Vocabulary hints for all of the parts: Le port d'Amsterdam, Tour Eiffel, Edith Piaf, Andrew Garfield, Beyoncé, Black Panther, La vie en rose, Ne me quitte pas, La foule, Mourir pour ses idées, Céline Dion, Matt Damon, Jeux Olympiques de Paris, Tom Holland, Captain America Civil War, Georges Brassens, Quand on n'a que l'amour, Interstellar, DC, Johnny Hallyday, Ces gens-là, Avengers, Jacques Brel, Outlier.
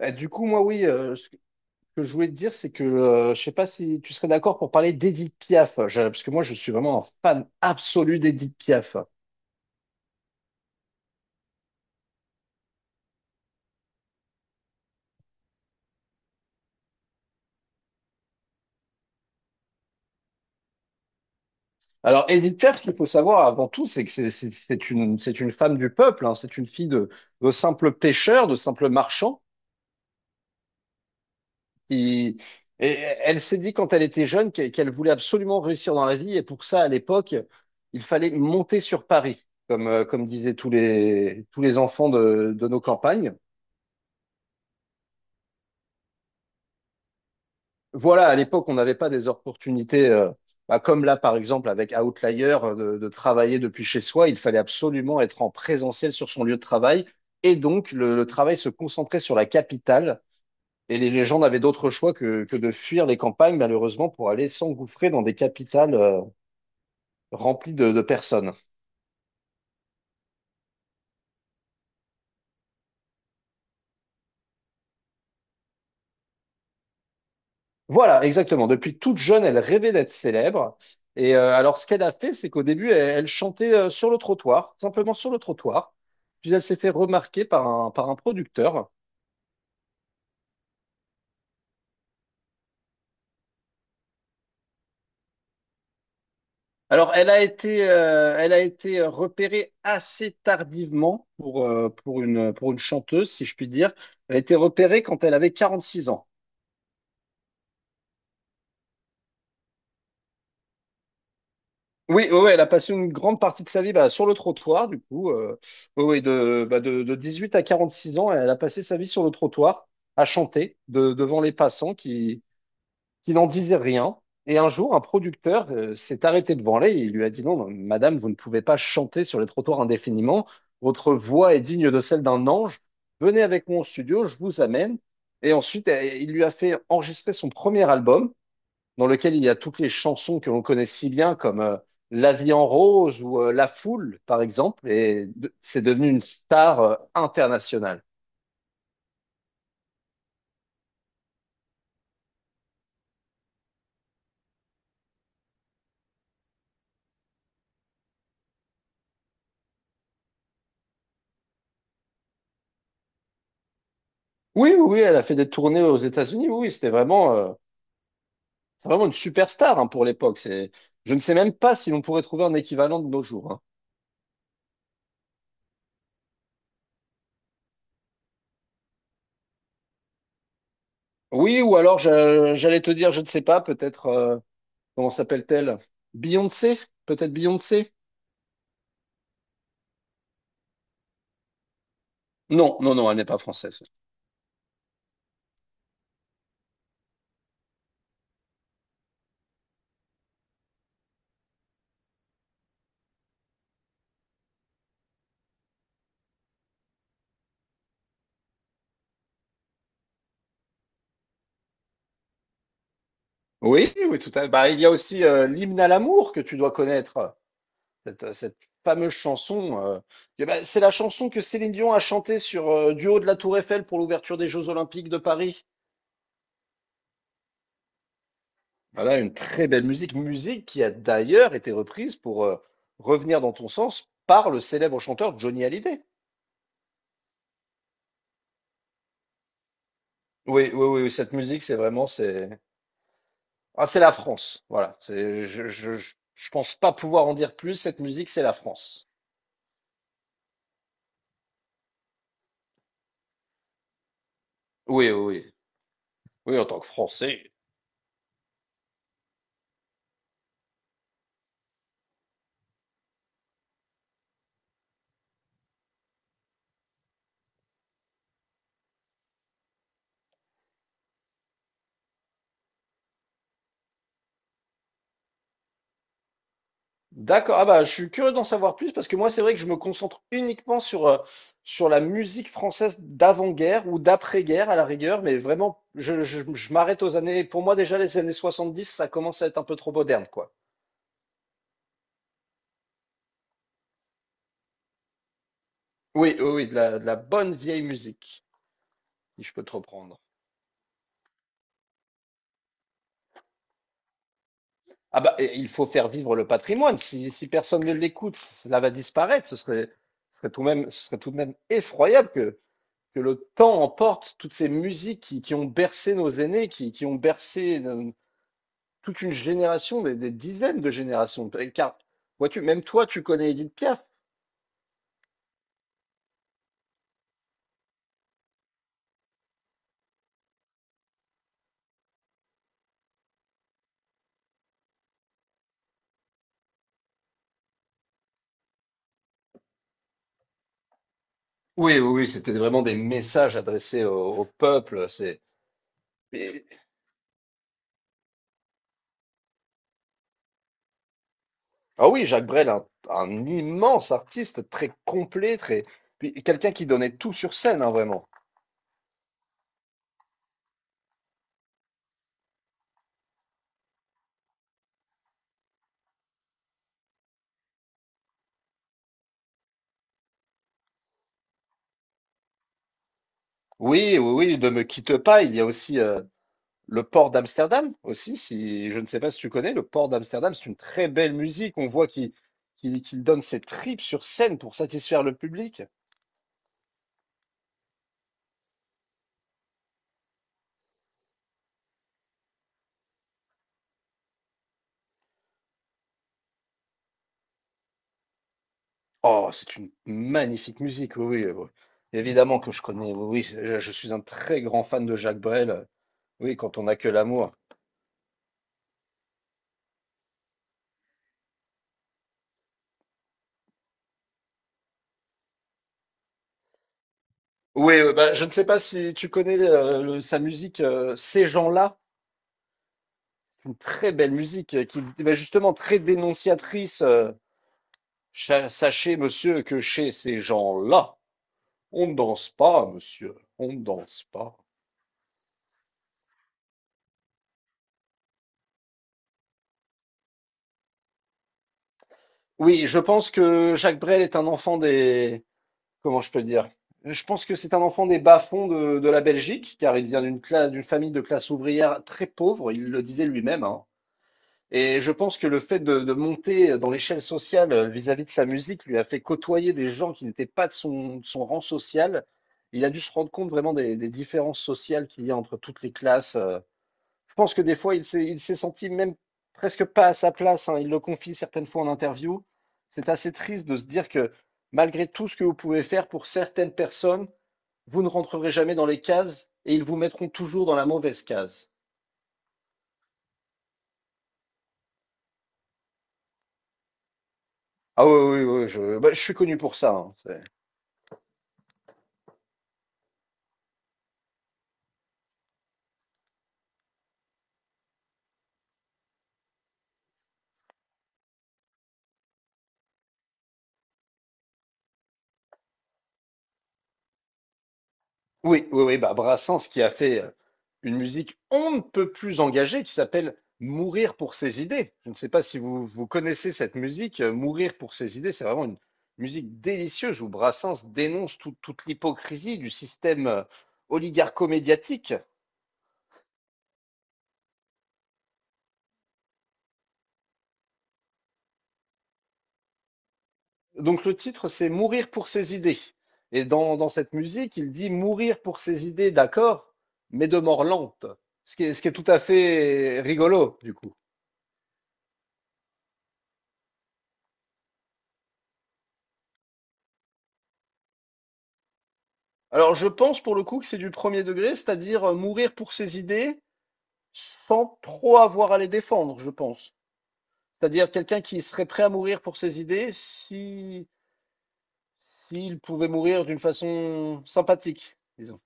Du coup, moi, oui, ce que je voulais te dire, c'est que je sais pas si tu serais d'accord pour parler d'Edith Piaf, parce que moi, je suis vraiment un fan absolu d'Edith Piaf. Alors, Edith Piaf, ce qu'il faut savoir avant tout, c'est que c'est une femme du peuple, hein. C'est une fille de, de simples marchands, qui, et elle s'est dit quand elle était jeune qu'elle voulait absolument réussir dans la vie, et pour ça, à l'époque, il fallait monter sur Paris, comme disaient tous les enfants de nos campagnes. Voilà, à l'époque, on n'avait pas des opportunités, bah, comme là, par exemple, avec Outlier, de travailler depuis chez soi. Il fallait absolument être en présentiel sur son lieu de travail. Et donc, le travail se concentrait sur la capitale. Et les gens n'avaient d'autre choix que de fuir les campagnes, malheureusement, pour aller s'engouffrer dans des capitales, remplies de personnes. Voilà, exactement. Depuis toute jeune, elle rêvait d'être célèbre. Et alors, ce qu'elle a fait, c'est qu'au début, elle chantait sur le trottoir, simplement sur le trottoir. Puis elle s'est fait remarquer par un producteur. Alors, elle a été repérée assez tardivement pour une chanteuse, si je puis dire. Elle a été repérée quand elle avait 46 ans. Oui, ouais, oui, elle a passé une grande partie de sa vie, bah, sur le trottoir, du coup. Oui, oui, de 18 à 46 ans, elle a passé sa vie sur le trottoir à chanter devant les passants qui n'en disaient rien. Et un jour, un producteur s'est arrêté devant elle et il lui a dit: «Non, non, madame, vous ne pouvez pas chanter sur les trottoirs indéfiniment. Votre voix est digne de celle d'un ange. Venez avec moi au studio, je vous amène.» Et ensuite, il lui a fait enregistrer son premier album dans lequel il y a toutes les chansons que l'on connaît si bien, comme La vie en rose ou La foule, par exemple, c'est devenu une star internationale. Oui, oui, oui, elle a fait des tournées aux États-Unis. Oui, oui, c'est vraiment une superstar, hein, pour l'époque. Je ne sais même pas si l'on pourrait trouver un équivalent de nos jours, hein. Oui, ou alors j'allais te dire, je ne sais pas, peut-être, comment s'appelle-t-elle? Beyoncé? Peut-être Beyoncé? Non, non, non, elle n'est pas française. Oui, oui, tout à fait. Bah, il y a aussi l'hymne à l'amour que tu dois connaître. Cette fameuse chanson, bah, c'est la chanson que Céline Dion a chantée sur du haut de la Tour Eiffel pour l'ouverture des Jeux Olympiques de Paris. Voilà, une très belle musique, musique qui a d'ailleurs été reprise pour revenir dans ton sens par le célèbre chanteur Johnny Hallyday. Oui, oui, oui, oui, cette musique, c'est la France. Je pense pas pouvoir en dire plus. Cette musique, c'est la France. Oui, oui, oui, oui, en tant que Français. D'accord. Ah bah, je suis curieux d'en savoir plus parce que moi, c'est vrai que je me concentre uniquement sur la musique française d'avant-guerre ou d'après-guerre à la rigueur, mais vraiment, je m'arrête aux années. Pour moi, déjà, les années 70, ça commence à être un peu trop moderne, quoi. Oui, oui, oui, de la bonne vieille musique, si je peux te reprendre. Ah bah, et il faut faire vivre le patrimoine. Si, si personne ne l'écoute, cela va disparaître. Ce serait tout de même, ce serait tout de même effroyable que le temps emporte toutes ces musiques qui ont bercé nos aînés, qui ont bercé toute une génération, des dizaines de générations. Car, vois-tu, même toi, tu connais Edith Piaf. Oui, oui, oui, c'était vraiment des messages adressés au peuple. Et- ah oui, Jacques Brel, un immense artiste, très complet, très puis quelqu'un qui donnait tout sur scène, hein, vraiment. Oui, oui, oui, de me quitte pas. Il y a aussi Le port d'Amsterdam aussi, si je ne sais pas si tu connais, le port d'Amsterdam, c'est une très belle musique. On voit qu'il donne ses tripes sur scène pour satisfaire le public. Oh, c'est une magnifique musique, oui, oui, oui. Évidemment que je connais, oui, oui, je suis un très grand fan de Jacques Brel. Oui, quand on n'a que l'amour. Oui, bah, je ne sais pas si tu connais sa musique, Ces gens-là, une très belle musique, qui est justement très dénonciatrice. Sachez monsieur, que chez ces gens-là, on ne danse pas, monsieur, on ne danse pas. Oui, je pense que Jacques Brel est un enfant des... Comment je peux dire? Je pense que c'est un enfant des bas-fonds de la Belgique, car il vient d'une famille de classe ouvrière très pauvre, il le disait lui-même, hein. Et je pense que le fait de monter dans l'échelle sociale vis-à-vis de sa musique lui a fait côtoyer des gens qui n'étaient pas de son rang social. Il a dû se rendre compte vraiment des différences sociales qu'il y a entre toutes les classes. Je pense que des fois, il s'est senti même presque pas à sa place, hein. Il le confie certaines fois en interview. C'est assez triste de se dire que malgré tout ce que vous pouvez faire pour certaines personnes, vous ne rentrerez jamais dans les cases et ils vous mettront toujours dans la mauvaise case. Ah oui, oui, oui, bah, je suis connu pour ça, hein. Oui, oui, oui, bah Brassens qui a fait une musique on ne peut plus engagée qui s'appelle Mourir pour ses idées. Je ne sais pas si vous, vous connaissez cette musique. Mourir pour ses idées, c'est vraiment une musique délicieuse où Brassens dénonce toute l'hypocrisie du système oligarcho-médiatique. Donc le titre, c'est Mourir pour ses idées. Et dans cette musique, il dit Mourir pour ses idées, d'accord, mais de mort lente. Ce qui est tout à fait rigolo, du coup. Alors, je pense pour le coup que c'est du premier degré, c'est-à-dire mourir pour ses idées sans trop avoir à les défendre, je pense. C'est-à-dire quelqu'un qui serait prêt à mourir pour ses idées si s'il pouvait mourir d'une façon sympathique, disons.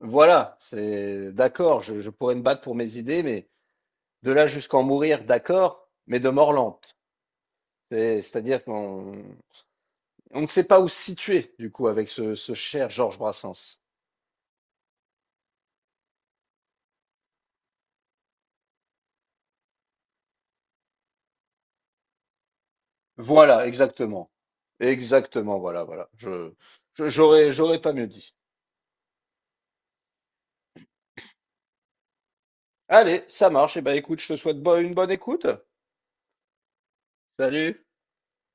Voilà, c'est d'accord, je pourrais me battre pour mes idées, mais de là jusqu'en mourir, d'accord, mais de mort lente. C'est-à-dire qu'on on ne sait pas où se situer, du coup, avec ce cher Georges Brassens. Voilà, exactement. Exactement, voilà, voilà. J'aurais pas mieux dit. Allez, ça marche. Et ben, écoute, je te souhaite une bonne écoute. Salut.